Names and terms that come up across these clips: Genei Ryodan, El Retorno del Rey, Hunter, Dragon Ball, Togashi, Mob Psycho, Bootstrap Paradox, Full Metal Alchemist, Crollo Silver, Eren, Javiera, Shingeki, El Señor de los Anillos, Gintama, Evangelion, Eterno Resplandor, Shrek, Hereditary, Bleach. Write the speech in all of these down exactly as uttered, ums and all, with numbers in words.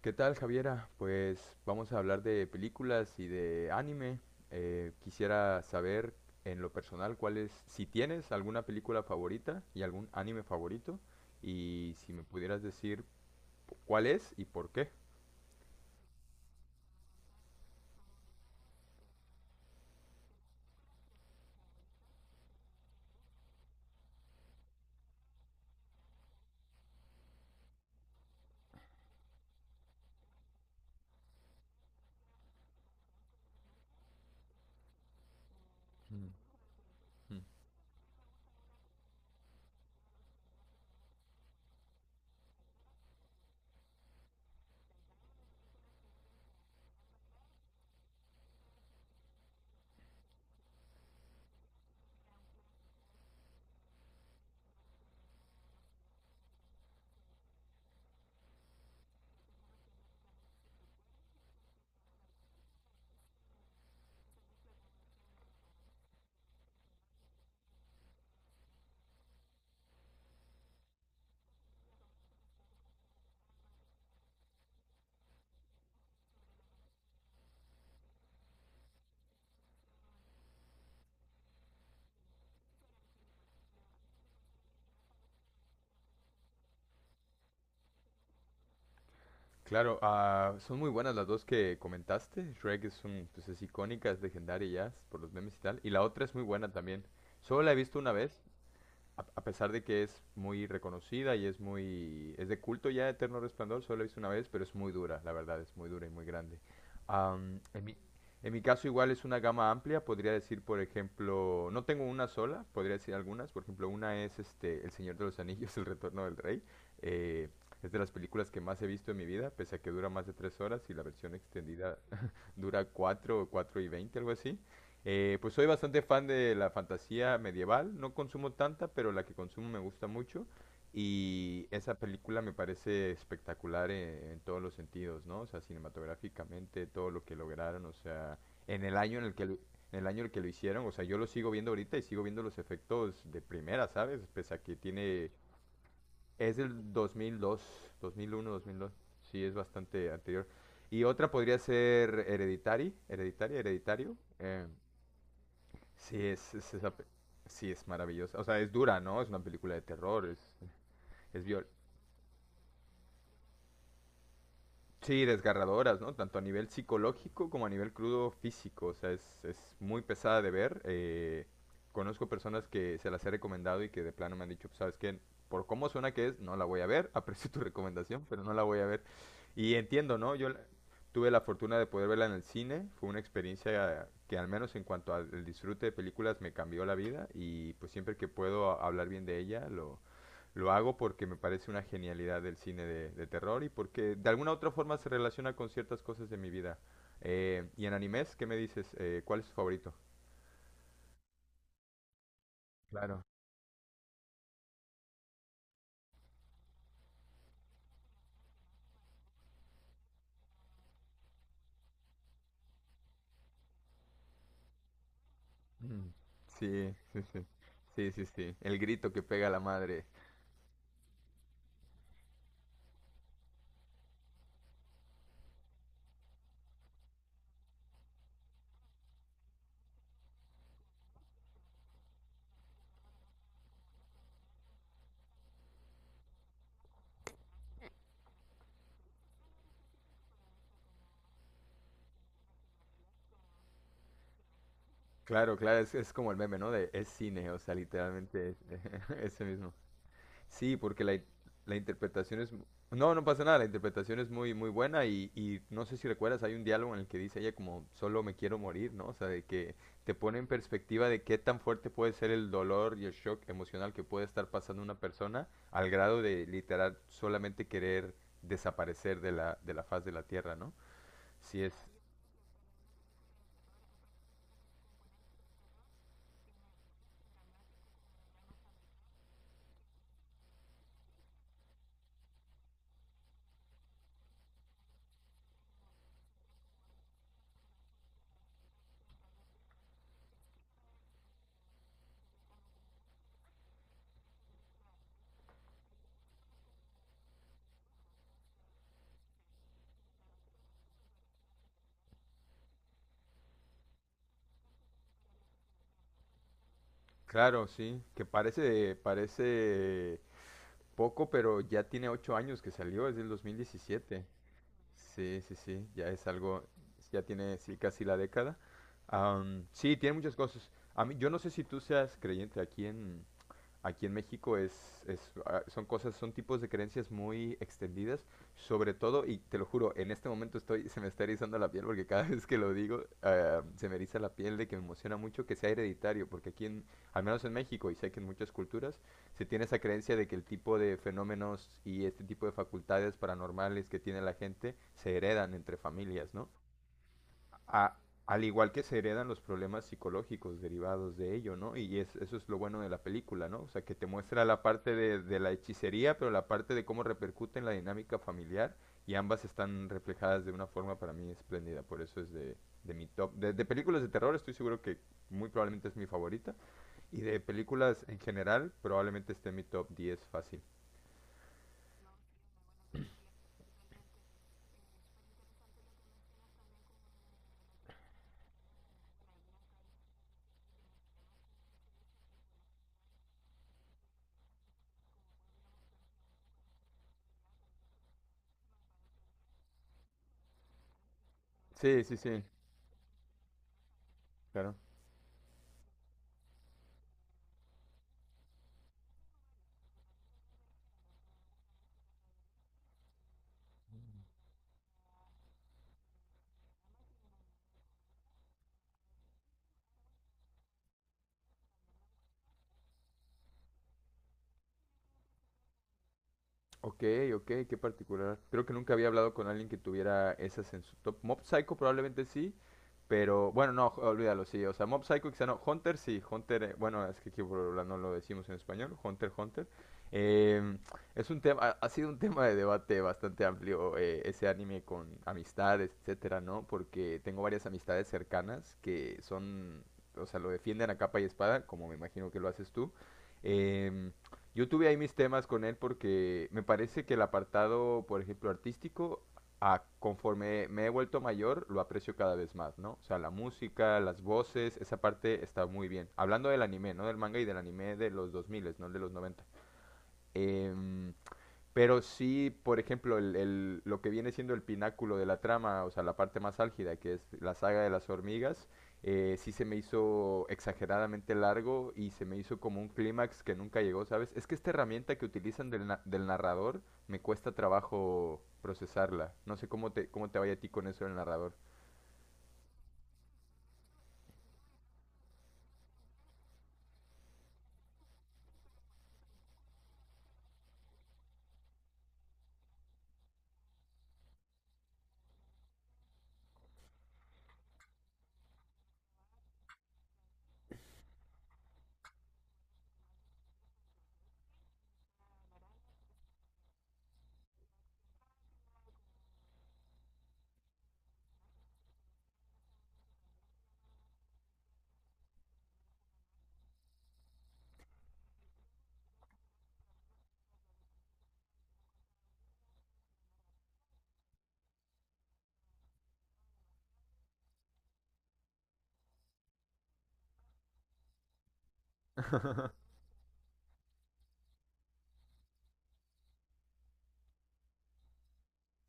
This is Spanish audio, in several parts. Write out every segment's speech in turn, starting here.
¿Qué tal, Javiera? Pues vamos a hablar de películas y de anime. Eh, quisiera saber en lo personal cuál es, si tienes alguna película favorita y algún anime favorito, y si me pudieras decir p- cuál es y por qué. Mm, mm. Claro, ah, son muy buenas las dos que comentaste. Shrek es un, pues es icónica, es legendaria ya, por los memes y tal. Y la otra es muy buena también. Solo la he visto una vez a, a pesar de que es muy reconocida y es muy, es de culto ya Eterno Resplandor, solo la he visto una vez, pero es muy dura, la verdad, es muy dura y muy grande. Am, en mi, en mi caso igual es una gama amplia, podría decir, por ejemplo, no tengo una sola, podría decir algunas, por ejemplo, una es este El Señor de los Anillos, El Retorno del Rey. eh, es de las películas que más he visto en mi vida, pese a que dura más de tres horas y la versión extendida dura cuatro o cuatro y veinte, algo así. Eh, pues soy bastante fan de la fantasía medieval, no consumo tanta, pero la que consumo me gusta mucho y esa película me parece espectacular en, en todos los sentidos, ¿no? O sea, cinematográficamente, todo lo que lograron, o sea, en el año en el que lo, en el año en el que lo hicieron. O sea, yo lo sigo viendo ahorita y sigo viendo los efectos de primera, ¿sabes? Pese a que tiene, es del dos mil dos, dos mil uno, dos mil dos. Sí, es bastante anterior. Y otra podría ser Hereditary, Hereditary, Hereditario. eh, Sí, es, es esa pe- sí, es maravillosa. O sea, es dura, ¿no? Es una película de terror, es, es, viol- Sí, desgarradoras, ¿no? Tanto a nivel psicológico como a nivel crudo físico. O sea, es, es muy pesada de ver. eh, conozco personas que se las he recomendado y que de plano me han dicho, ¿sabes qué? Por cómo suena que es, no la voy a ver. Aprecio tu recomendación, pero no la voy a ver. Y entiendo, ¿no? Yo la- tuve la fortuna de poder verla en el cine. Fue una experiencia que al menos en cuanto al disfrute de películas me cambió la vida y pues siempre que puedo a- hablar bien de ella, lo, lo hago porque me parece una genialidad del cine de, de terror y porque de alguna u otra forma se relaciona con ciertas cosas de mi vida. Eh, y en animes, ¿qué me dices? Eh, ¿cuál es tu favorito? Claro. Mm. Sí, sí, sí. Sí, sí, sí. El grito que pega la madre. Claro, claro, es, es como el meme, ¿no? De es cine, o sea, literalmente es, ese mismo. Sí, porque la, in- la interpretación es... mu- No, no pasa nada, la interpretación es muy, muy buena y, y no sé si recuerdas, hay un diálogo en el que dice ella como, solo me quiero morir, ¿no? O sea, de que te pone en perspectiva de qué tan fuerte puede ser el dolor y el shock emocional que puede estar pasando una persona al grado de literal solamente querer desaparecer de la, de la faz de la tierra, ¿no? Sí es, claro, sí, que parece, parece poco, pero ya tiene ocho años que salió, es del dos mil diecisiete. Sí, sí, sí, ya es algo, ya tiene, sí, casi la década. Am, sí, tiene muchas cosas. A mí, yo no sé si tú seas creyente aquí en, aquí en México es, es, ah, son cosas, son tipos de creencias muy extendidas, sobre todo, y te lo juro, en este momento estoy, se me está erizando la piel porque cada vez que lo digo, ah, se me eriza la piel de que me emociona mucho que sea hereditario, porque aquí, en, al menos en México, y sé que en muchas culturas, se tiene esa creencia de que el tipo de fenómenos y este tipo de facultades paranormales que tiene la gente se heredan entre familias, ¿no? A- al igual que se heredan los problemas psicológicos derivados de ello, ¿no? Y es- eso es lo bueno de la película, ¿no? O sea, que te muestra la parte de, de la hechicería, pero la parte de cómo repercute en la dinámica familiar y ambas están reflejadas de una forma para mí espléndida, por eso es de, de mi top. De, de películas de terror estoy seguro que muy probablemente es mi favorita y de películas en general probablemente esté en mi top diez fácil. Sí, sí, sí, claro. Ok, ok, qué particular. Creo que nunca había hablado con alguien que tuviera esas en su top. Mob Psycho probablemente sí, pero bueno, no, jo- olvídalo, sí. O sea, Mob Psycho quizá no. Hunter sí, Hunter, eh, bueno, es que aquí por lo- no lo decimos en español, Hunter, Hunter. Em, es un tema, ha ha sido un tema de debate bastante amplio, eh, ese anime con amistades, etcétera, ¿no? Porque tengo varias amistades cercanas que son, o sea, lo defienden a capa y espada, como me imagino que lo haces tú. Em, yo tuve ahí mis temas con él porque me parece que el apartado, por ejemplo, artístico, a- conforme me he vuelto mayor, lo aprecio cada vez más, ¿no? O sea, la música, las voces, esa parte está muy bien. Hablando del anime, ¿no? Del manga y del anime de los dos mil, no el de los noventa. Em, pero sí, por ejemplo, el, el- lo que viene siendo el pináculo de la trama, o sea, la parte más álgida, que es la saga de las hormigas. Eh, sí se me hizo exageradamente largo y se me hizo como un clímax que nunca llegó, ¿sabes? Es que esta herramienta que utilizan del, na- del narrador me cuesta trabajo procesarla. No sé cómo te, cómo te vaya a ti con eso del narrador.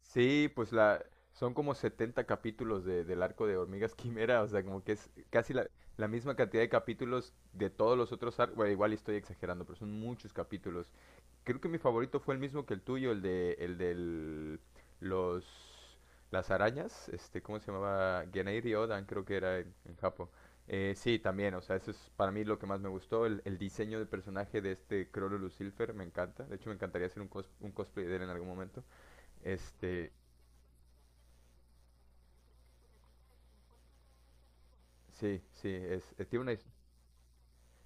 Sí, pues la, son como setenta capítulos de, del arco de Hormigas Quimera, o sea, como que es casi la, la misma cantidad de capítulos de todos los otros arcos. Bueno, igual y estoy exagerando, pero son muchos capítulos. Creo que mi favorito fue el mismo que el tuyo, el de el del los las arañas, este, ¿cómo se llamaba? Genei Ryodan, creo que era en, en Japón. Eh, sí, también, o sea, eso es para mí lo que más me gustó, el, el diseño del personaje de este Crollo Silver me encanta. De hecho, me encantaría hacer un, cos- un cosplay de él en algún momento. Este, Sí, sí, es, es- tiene una, his-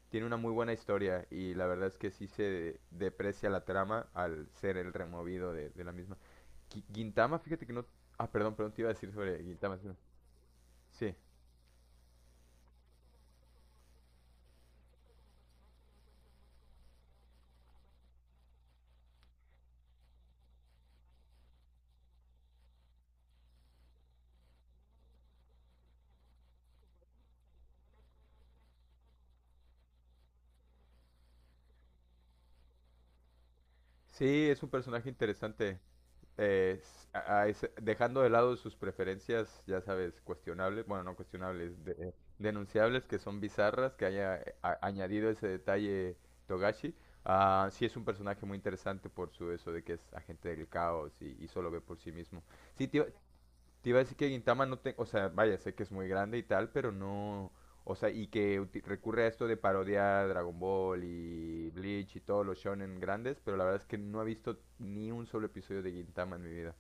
tiene una muy buena historia y la verdad es que sí se deprecia la trama al ser el removido de, de la misma. Qui- Gintama, fíjate que no... Ah, perdón, perdón, te iba a decir sobre Gintama. Sí. Sí, sí, es un personaje interesante. eh, a- a ese- dejando de lado sus preferencias, ya sabes, cuestionables, bueno, no cuestionables, de- denunciables, que son bizarras, que haya eh, a- añadido ese detalle Togashi. Ah, sí es un personaje muy interesante por su eso de que es agente del caos y, y solo ve por sí mismo. Sí, te, te iba a decir que Gintama no te, o sea, vaya, sé que es muy grande y tal, pero no, o sea, y que uti- recurre a esto de parodiar Dragon Ball y Bleach y todos los shonen grandes, pero la verdad es que no he visto ni un solo episodio de Gintama en mi vida.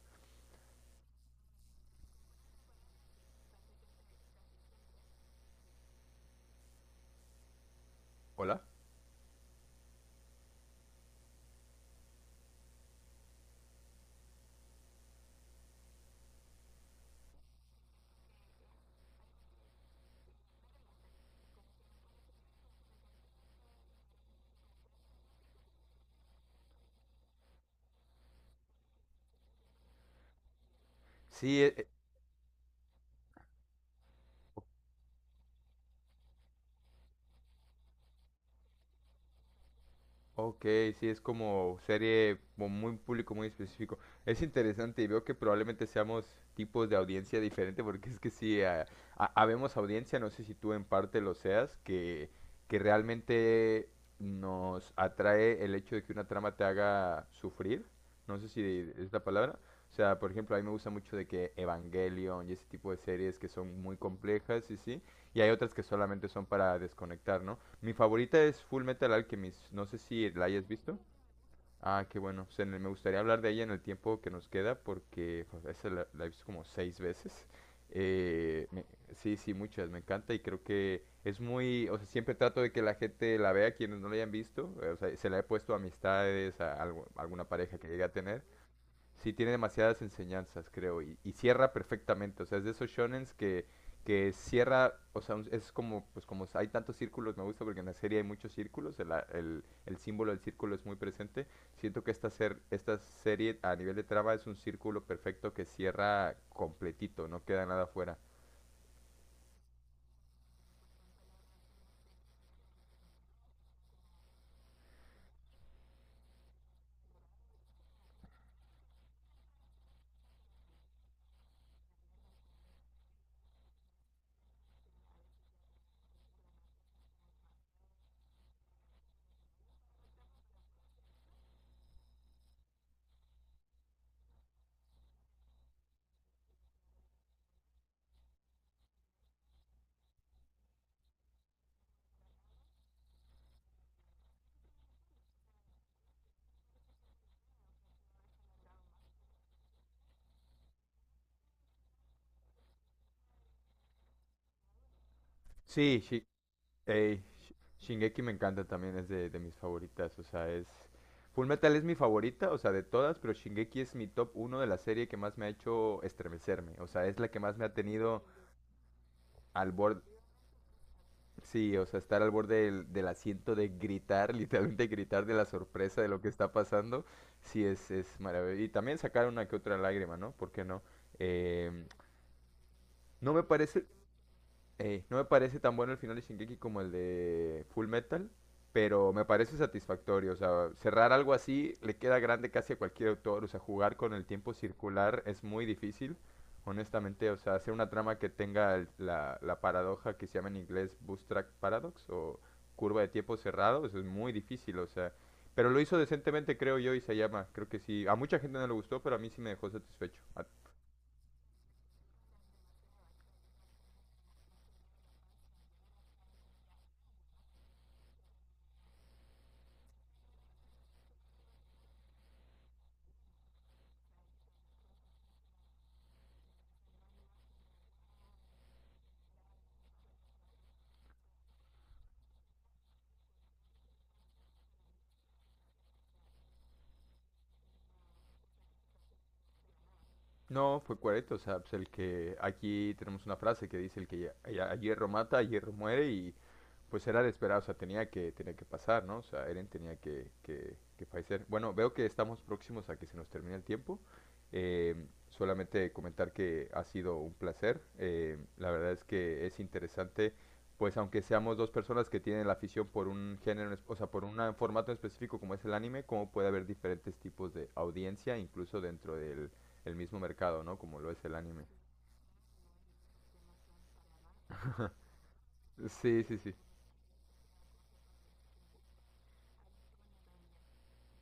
¿Hola? Sí, e- Ok, sí, es como serie con muy público, muy específico. Es interesante y veo que probablemente seamos tipos de audiencia diferente porque es que sí, ah, ha- habemos audiencia, no sé si tú en parte lo seas, que, que realmente nos atrae el hecho de que una trama te haga sufrir. No sé si es la palabra. O sea, por ejemplo, a mí me gusta mucho de que Evangelion y ese tipo de series que son muy complejas y sí. Y hay otras que solamente son para desconectar, ¿no? Mi favorita es Full Metal Alchemist. No sé si la hayas visto. Ah, qué bueno. O sea, me me gustaría hablar de ella en el tiempo que nos queda porque pues, esa la, la he visto como seis veces. Eh, me- sí, sí, muchas. Me encanta y creo que es muy... O sea, siempre trato de que la gente la vea, quienes no la hayan visto. Eh, o sea, se la he puesto a amistades, a algo- alguna pareja que llegue a tener. Sí, tiene demasiadas enseñanzas, creo, y, y cierra perfectamente. O sea, es de esos shonens que, que cierra, o sea, un- es como, pues como hay tantos círculos, me gusta porque en la serie hay muchos círculos, el, a- el- el símbolo del círculo es muy presente. Siento que esta, ser, esta serie a nivel de trama es un círculo perfecto que cierra completito, no queda nada fuera. Sí, Ey, Sh- Shingeki me encanta también, es de, de mis favoritas, o sea, es... Full Metal es mi favorita, o sea, de todas, pero Shingeki es mi top uno de la serie que más me ha hecho estremecerme, o sea, es la que más me ha tenido al borde, sí, o sea, estar al borde del, del asiento de gritar, literalmente gritar de la sorpresa de lo que está pasando, sí, es, es maravilloso. Y también sacar una que otra lágrima, ¿no? ¿Por qué no? Em, no me parece, Ey, no me parece tan bueno el final de Shingeki como el de Full Metal, pero me parece satisfactorio. O sea, cerrar algo así le queda grande casi a cualquier autor. O sea, jugar con el tiempo circular es muy difícil, honestamente. O sea, hacer una trama que tenga el- la, la paradoja que se llama en inglés Bootstrap Paradox o curva de tiempo cerrado, eso es muy difícil. O sea, pero lo hizo decentemente, creo yo, y se llama. Creo que sí. A mucha gente no le gustó, pero a mí sí me dejó satisfecho. No, fue Cuareto, o sea, pues el que aquí tenemos una frase que dice el que a, a hierro mata, a hierro muere y pues era de esperar, o sea, tenía que, tenía que pasar, ¿no? O sea, Eren tenía que, que, que fallecer. Bueno, veo que estamos próximos a que se nos termine el tiempo. Eh, solamente comentar que ha sido un placer. Eh, la verdad es que es interesante, pues aunque seamos dos personas que tienen la afición por un género, en es- o sea, por un formato en específico como es el anime, cómo puede haber diferentes tipos de audiencia, incluso dentro del el mismo mercado, ¿no? Como lo es el anime. Sí, sí, sí.